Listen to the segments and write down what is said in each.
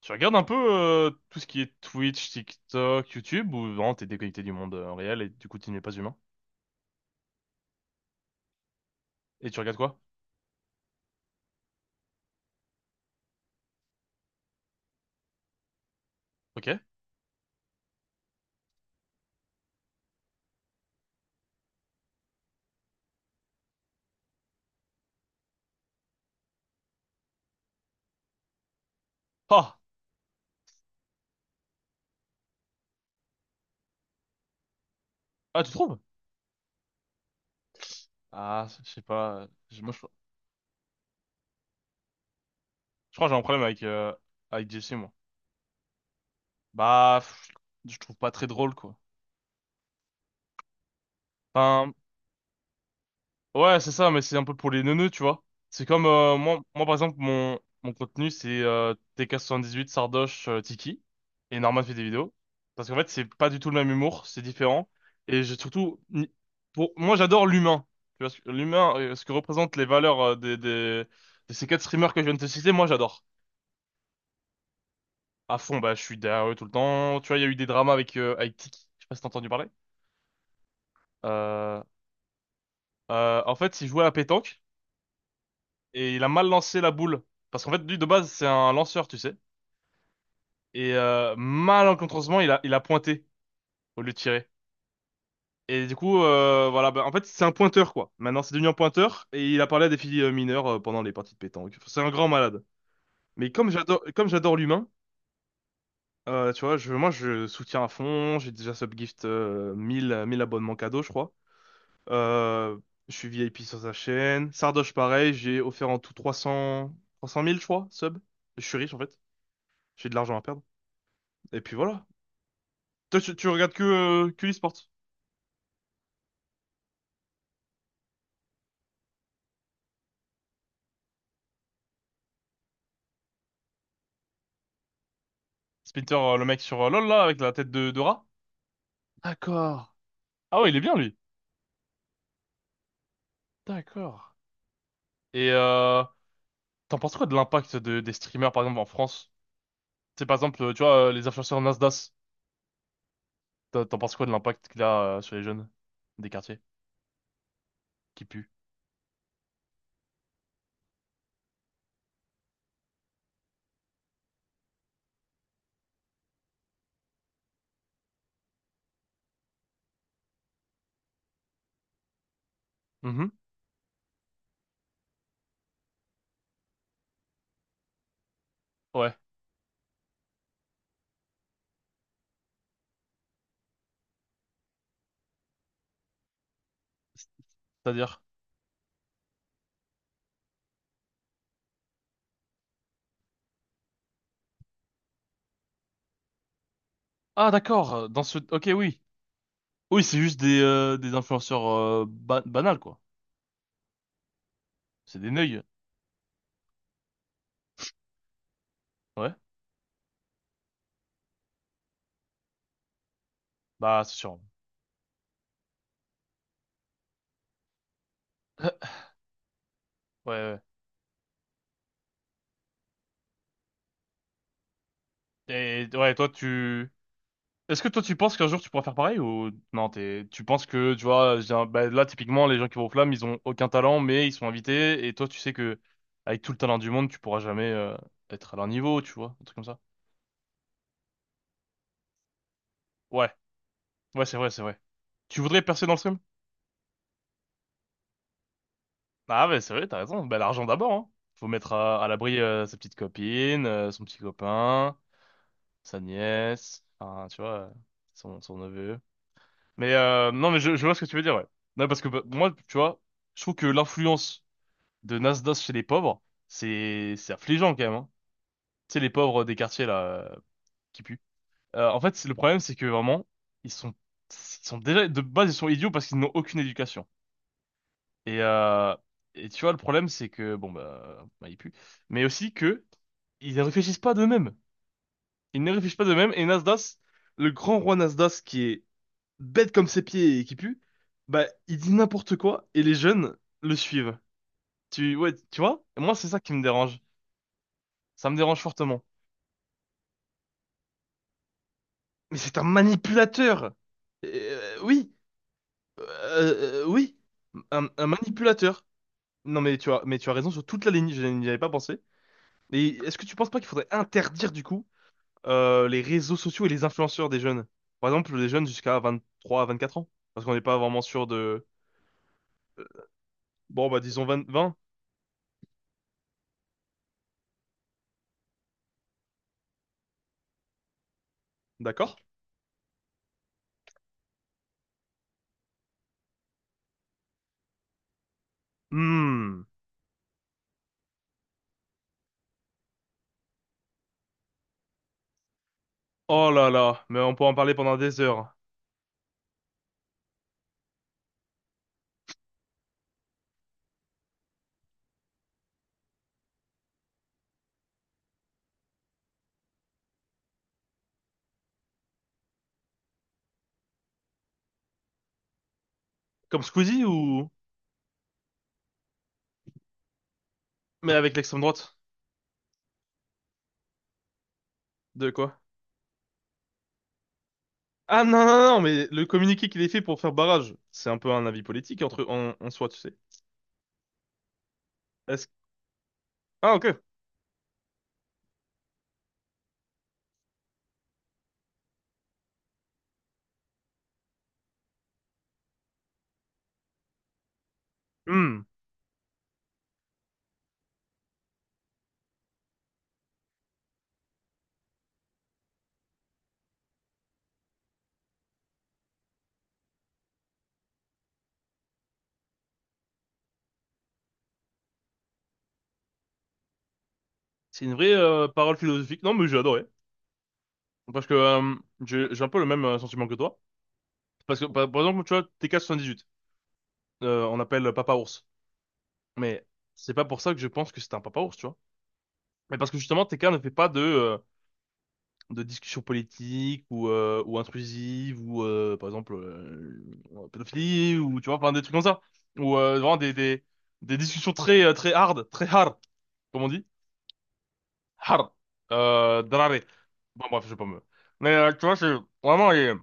Tu regardes un peu tout ce qui est Twitch, TikTok, YouTube, ou vraiment t'es déconnecté du monde réel et du coup tu n'es pas humain? Et tu regardes quoi? Ok. Ah! Ah, tu trouves? Ah, je sais pas. Moi, je crois que j'ai un problème avec, avec Jesse, moi. Bah, pff, je trouve pas très drôle, quoi. Enfin, ouais, c'est ça, mais c'est un peu pour les neuneux, tu vois. C'est comme, moi, par exemple, mon contenu, c'est TK78, Sardoche, Tiki, et Norman fait des vidéos. Parce qu'en fait, c'est pas du tout le même humour, c'est différent. Et j'ai surtout, pour, moi, j'adore l'humain. Tu vois, l'humain, ce que représentent les valeurs de ces quatre streamers que je viens de te citer, moi, j'adore. À fond, bah, je suis derrière eux tout le temps. Tu vois, il y a eu des dramas avec, avec Tiki, je sais pas si t'as entendu parler. Euh, En fait, il jouait à la pétanque. Et il a mal lancé la boule. Parce qu'en fait, lui, de base, c'est un lanceur, tu sais. Et malencontreusement, il a pointé au lieu de tirer. Et du coup, voilà, bah, en fait, c'est un pointeur, quoi. Maintenant, c'est devenu un pointeur, et il a parlé à des filles mineures pendant les parties de pétanque. Enfin, c'est un grand malade. Mais comme j'adore l'humain, tu vois, moi, je soutiens à fond. J'ai déjà subgift 1000 1000 abonnements cadeaux, je crois. Euh, je suis VIP sur sa chaîne. Sardoche, pareil, j'ai offert en tout 300 000 je crois, sub. Je suis riche, en fait. J'ai de l'argent à perdre. Et puis voilà. Toi, tu regardes que l'e-sport. Splinter, le mec sur LoL, là, avec la tête de rat. D'accord. Ah ouais, il est bien, lui. D'accord. Et t'en penses quoi de l'impact des streamers, par exemple, en France? C'est par exemple, tu vois, les influenceurs Nasdaq. T'en penses quoi de l'impact qu'il a sur les jeunes des quartiers qui puent? Mhm. Ouais. C'est-à-dire? Ah, d'accord. Dans ce... Ok, oui. Oui, c'est juste des influenceurs banals, quoi. C'est des neuils. Ouais. Bah, c'est sûr. Ouais, ouais. Et ouais, toi, tu... Est-ce que toi tu penses qu'un jour tu pourras faire pareil, ou non? T'es, tu penses que, tu vois, bah, là typiquement les gens qui vont aux Flammes, ils ont aucun talent mais ils sont invités, et toi tu sais que avec tout le talent du monde tu pourras jamais, être à leur niveau, tu vois, un truc comme ça. Ouais, ouais, c'est vrai, c'est vrai. Tu voudrais percer dans le stream? Ah ouais, c'est vrai, t'as raison. Bah, l'argent d'abord, hein. Faut mettre à l'abri sa petite copine son petit copain, sa nièce, enfin, tu vois, son neveu. Mais non mais je vois ce que tu veux dire. Ouais. Non parce que, bah, moi tu vois, je trouve que l'influence de Nasdaq chez les pauvres, c'est affligeant quand même, hein. Tu sais, les pauvres des quartiers là, euh, qui puent. En fait, le problème, c'est que vraiment, ils sont ils sont déjà de base, ils sont idiots parce qu'ils n'ont aucune éducation. Et tu vois, le problème, c'est que bon bah, ils puent, mais aussi que ils ne réfléchissent pas d'eux-mêmes. Ils ne réfléchissent pas d'eux-mêmes. Et Nasdaq, le grand roi Nasdaq qui est bête comme ses pieds et qui pue, bah il dit n'importe quoi et les jeunes le suivent. Tu Ouais, tu vois? Moi, c'est ça qui me dérange. Ça me dérange fortement. Mais c'est un manipulateur. Oui, oui, un manipulateur. Non mais tu as raison sur toute la ligne. Je n'y avais pas pensé. Et est-ce que tu penses pas qu'il faudrait interdire du coup les réseaux sociaux et les influenceurs des jeunes? Par exemple, les jeunes jusqu'à 23 à 24 ans, parce qu'on n'est pas vraiment sûr de. Bon bah disons 20, 20, d'accord? Hmm. Oh là là, mais on peut en parler pendant des heures. Comme Squeezie ou? Mais avec l'extrême droite. De quoi? Ah non, non, non, mais le communiqué qu'il ait fait pour faire barrage, c'est un peu un avis politique entre en soi, tu sais. Est-ce... Ah ok. Hmm. C'est une vraie parole philosophique. Non, mais j'ai adoré. Parce que j'ai un peu le même sentiment que toi. Parce que par exemple, tu vois, TK78, on appelle Papa Ours. Mais c'est pas pour ça que je pense que c'est un Papa Ours, tu vois. Mais parce que justement, TK ne fait pas de discussions politiques ou intrusives ou par exemple pédophilie ou tu vois, enfin, des trucs comme ça, ou vraiment des discussions très très hard, très hard comme on dit, hard drare. Bon bref, je vais pas me... Mais tu vois, c'est vraiment les,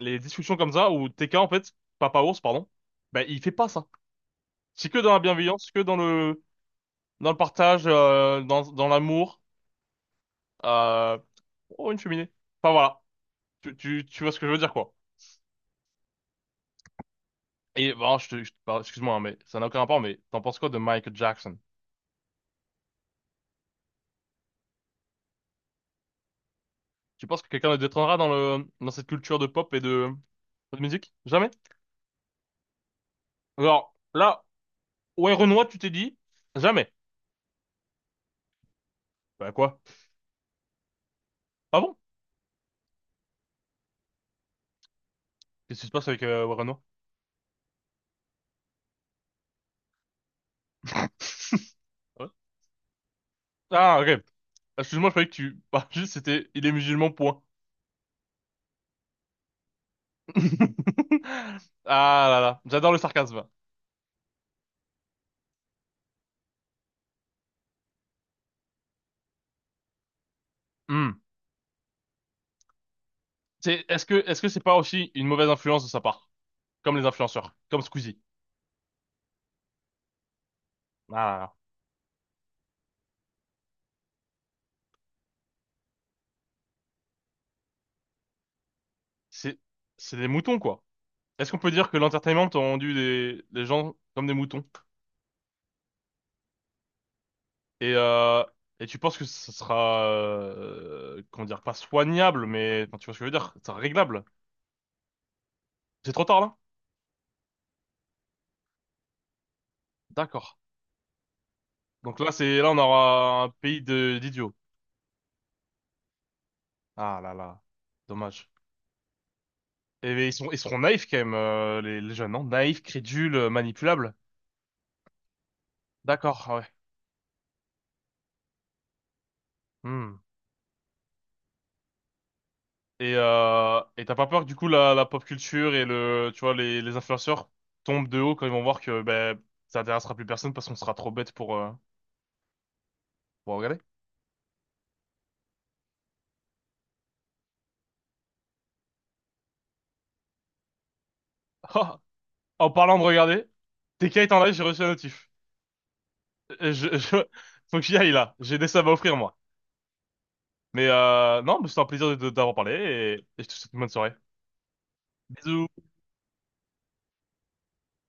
les discussions comme ça où TK, en fait, Papa Ours, pardon, ben il fait pas ça. C'est que dans la bienveillance, que dans le partage, dans l'amour, euh... oh, une cheminée, enfin voilà, tu vois ce que je veux dire, quoi. Et bon, je te parle, excuse-moi, hein, mais ça n'a aucun rapport, mais t'en penses quoi de Michael Jackson? Tu penses que quelqu'un le détrônera dans le, dans cette culture de pop et de musique? Jamais? Alors, là, Warren Watt, tu t'es dit, jamais. Bah quoi? Ah bon? Qu'est-ce qui se passe avec Warren Watt? Ouais. Ah, ok. Excuse-moi, je croyais que tu, bah, juste c'était, il est musulman, point. Ah là là, j'adore le sarcasme. Hmm. Est-ce que c'est pas aussi une mauvaise influence de sa part? Comme les influenceurs, comme Squeezie. Ah là là. C'est, c'est des moutons, quoi. Est-ce qu'on peut dire que l'entertainment a rendu des gens comme des moutons? Et, euh, et tu penses que ce sera, comment dire, pas soignable, mais enfin, tu vois ce que je veux dire, c'est réglable. C'est trop tard là? D'accord. Donc là, c'est là, on aura un pays de d'idiots. Ah là là, dommage. Et mais ils seront naïfs quand même, les jeunes, non? Naïfs, crédules, manipulables. D'accord, ah ouais. Hmm. Et t'as pas peur que du coup la pop culture et le tu vois les influenceurs tombent de haut quand ils vont voir que ben ça intéressera plus personne parce qu'on sera trop bête pour regarder. Ah, en parlant de regarder, TK est en live, j'ai reçu un notif. Euh, Je, je- Faut que j'y aille là, j'ai des subs à offrir moi. Mais non, mais c'était un plaisir de t'avoir parlé et je te souhaite une bonne soirée. Bisous.